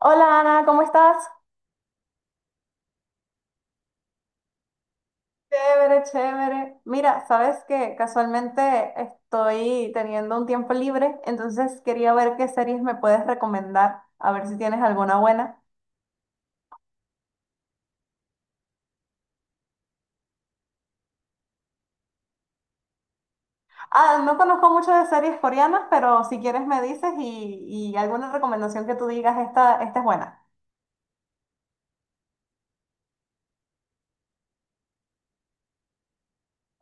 Hola Ana, ¿cómo estás? Chévere, chévere. Mira, sabes que casualmente estoy teniendo un tiempo libre, entonces quería ver qué series me puedes recomendar, a ver si tienes alguna buena. Ah, no conozco mucho de series coreanas, pero si quieres me dices y alguna recomendación que tú digas, esta es buena.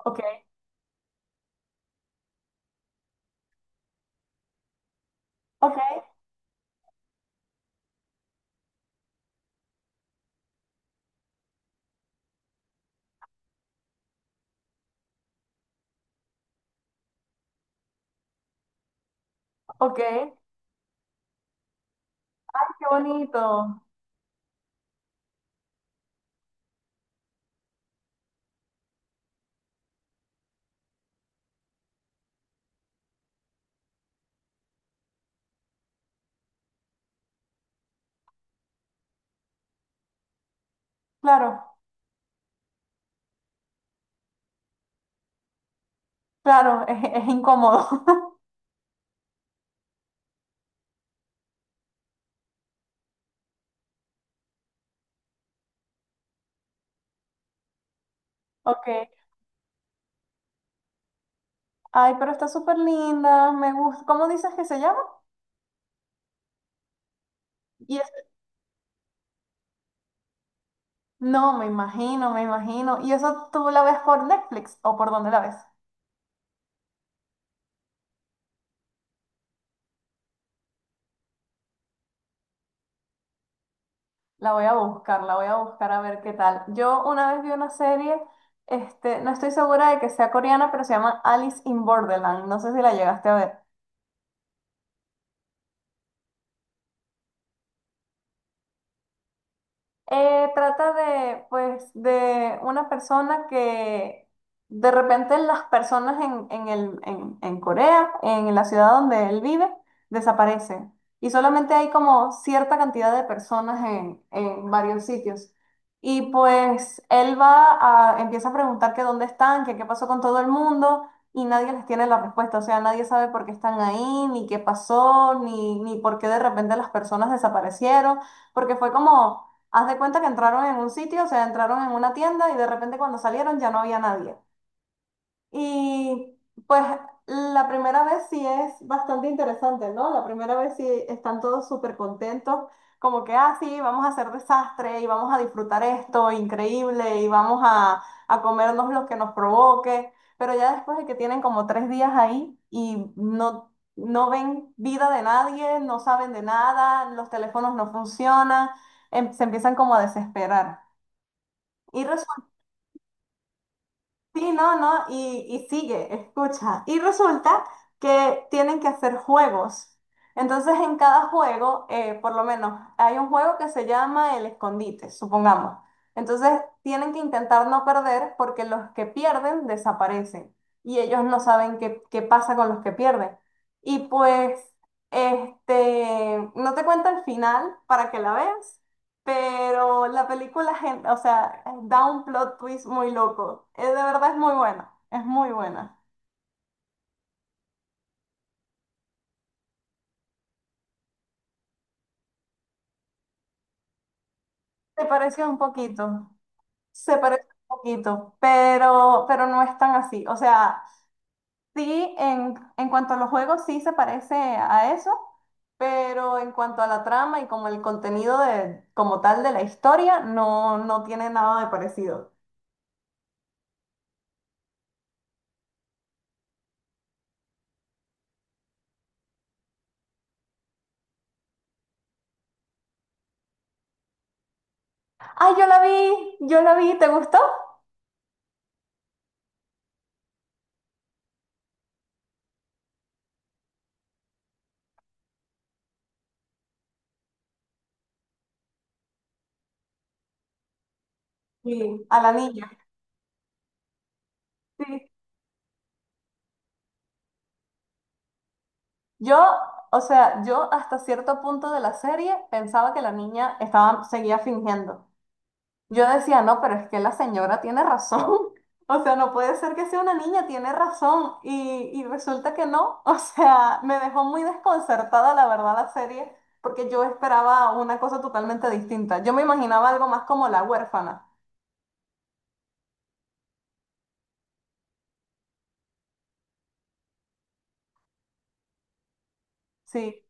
Ok, ok, ok. Ah, qué bonito. Claro, claro, es incómodo. Ok. Ay, pero está súper linda, me gusta. ¿Cómo dices que se llama? No, me imagino, me imagino. ¿Y eso tú la ves por Netflix o por dónde la ves? La voy a buscar, la voy a buscar a ver qué tal. Yo una vez vi una serie, no estoy segura de que sea coreana, pero se llama Alice in Borderland. No sé si la llegaste a ver. Trata de, pues, de una persona que de repente las personas en Corea, en la ciudad donde él vive, desaparecen. Y solamente hay como cierta cantidad de personas en varios sitios. Y pues él va a, empieza a preguntar que dónde están, que qué pasó con todo el mundo, y nadie les tiene la respuesta. O sea, nadie sabe por qué están ahí, ni qué pasó, ni por qué de repente las personas desaparecieron, porque fue como haz de cuenta que entraron en un sitio, o sea, entraron en una tienda y de repente cuando salieron ya no había nadie. Y pues la primera vez sí es bastante interesante, ¿no? La primera vez sí están todos súper contentos, como que, ah, sí, vamos a hacer desastre y vamos a disfrutar esto, increíble, y vamos a comernos lo que nos provoque, pero ya después de que tienen como tres días ahí y no ven vida de nadie, no saben de nada, los teléfonos no funcionan, se empiezan como a desesperar. Y resulta. Sí, no, no, y sigue, escucha. Y resulta que tienen que hacer juegos. Entonces, en cada juego, por lo menos, hay un juego que se llama el escondite, supongamos. Entonces, tienen que intentar no perder porque los que pierden desaparecen y ellos no saben qué pasa con los que pierden. Y pues, no te cuento el final para que la veas, pero la película, o sea, da un plot twist muy loco. De verdad es muy buena, es muy buena. Se pareció un poquito, se parece un poquito, pero no es tan así. O sea, sí, en cuanto a los juegos, sí se parece a eso, pero en cuanto a la trama y como el contenido de, como tal de la historia, no tiene nada de parecido. ¡Ay, yo la vi! ¡Yo la vi! ¿Te gustó? Sí, a la niña. Sí. Yo, o sea, yo hasta cierto punto de la serie pensaba que la niña estaba, seguía fingiendo. Yo decía, no, pero es que la señora tiene razón. O sea, no puede ser que sea una niña, tiene razón. Y resulta que no. O sea, me dejó muy desconcertada, la verdad, la serie, porque yo esperaba una cosa totalmente distinta. Yo me imaginaba algo más como la huérfana. Sí.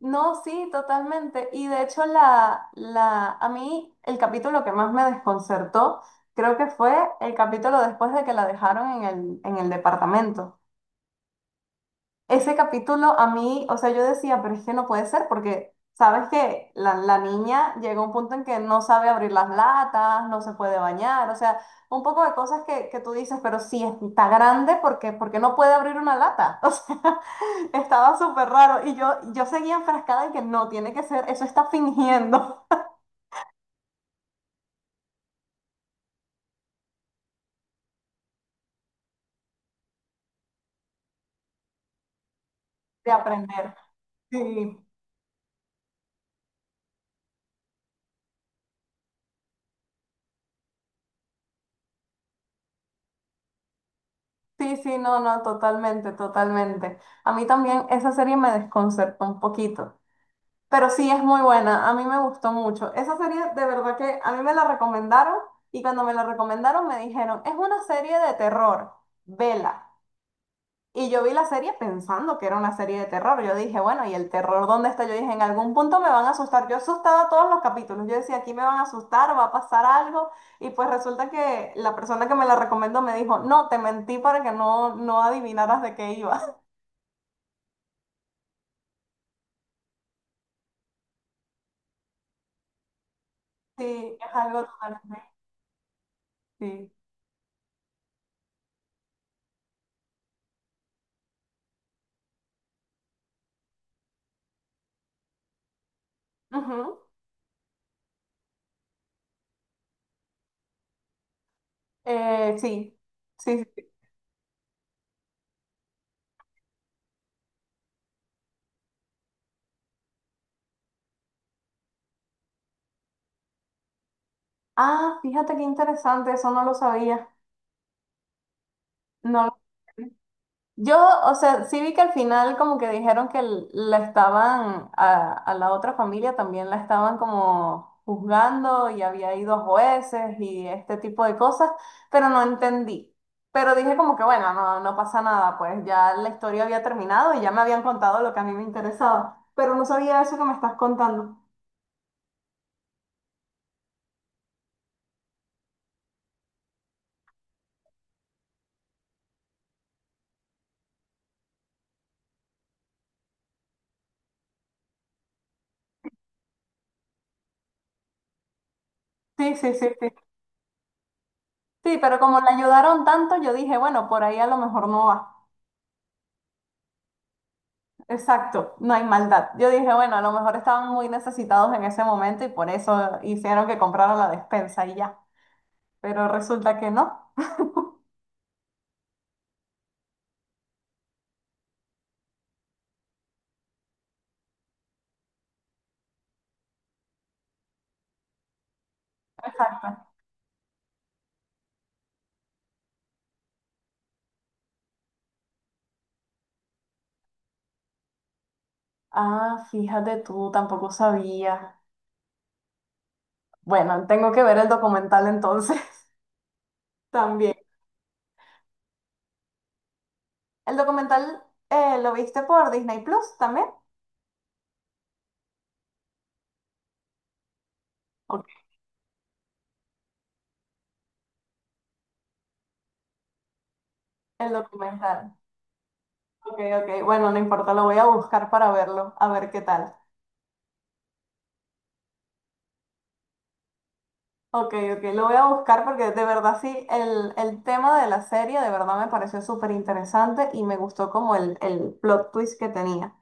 No, sí, totalmente. Y de hecho, a mí el capítulo que más me desconcertó creo que fue el capítulo después de que la dejaron en en el departamento. Ese capítulo a mí, o sea, yo decía, pero es que no puede ser porque, ¿sabes que la niña llega a un punto en que no sabe abrir las latas, no se puede bañar? O sea, un poco de cosas que tú dices, pero sí, está grande porque, porque no puede abrir una lata, o sea, estaba súper raro yo seguía enfrascada en que no, tiene que ser, eso está fingiendo. De aprender. Sí, sí, sí, no, no, totalmente, totalmente. A mí también esa serie me desconcertó un poquito. Pero sí, es muy buena, a mí me gustó mucho. Esa serie de verdad que a mí me la recomendaron y cuando me la recomendaron me dijeron, es una serie de terror, vela. Y yo vi la serie pensando que era una serie de terror. Yo dije, bueno, ¿y el terror dónde está? Yo dije, en algún punto me van a asustar. Yo asustaba todos los capítulos. Yo decía, aquí me van a asustar, va a pasar algo. Y pues resulta que la persona que me la recomendó me dijo, no, te mentí para que no adivinaras de qué iba. Sí, es algo totalmente. Sí. Ujú. Sí. Sí, sí. Ah, fíjate qué interesante, eso no lo sabía. No lo. Yo, o sea, sí vi que al final como que dijeron que la estaban, a la otra familia también la estaban como juzgando y había ido a jueces y este tipo de cosas, pero no entendí. Pero dije como que bueno, no, no pasa nada, pues ya la historia había terminado y ya me habían contado lo que a mí me interesaba, pero no sabía eso que me estás contando. Sí, sí, sí, sí. Sí, pero como la ayudaron tanto, yo dije, bueno, por ahí a lo mejor no va. Exacto, no hay maldad. Yo dije, bueno, a lo mejor estaban muy necesitados en ese momento y por eso hicieron que compraran la despensa y ya. Pero resulta que no. Exacto. Ah, fíjate tú, tampoco sabía. Bueno, tengo que ver el documental entonces también. ¿El documental lo viste por Disney Plus también? Ok. El documental. Ok, ok. Bueno, no importa, lo voy a buscar para verlo, a ver qué tal. Ok, ok, lo voy a buscar porque de verdad sí, el tema de la serie de verdad me pareció súper interesante y me gustó como el plot twist que tenía.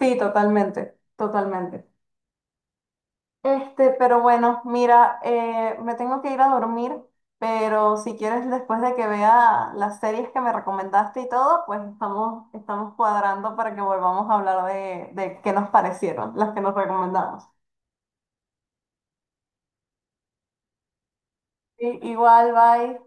Sí, totalmente, totalmente. Pero bueno, mira, me tengo que ir a dormir, pero si quieres después de que vea las series que me recomendaste y todo, pues estamos, estamos cuadrando para que volvamos a hablar de qué nos parecieron, las que nos recomendamos. Sí, igual, bye.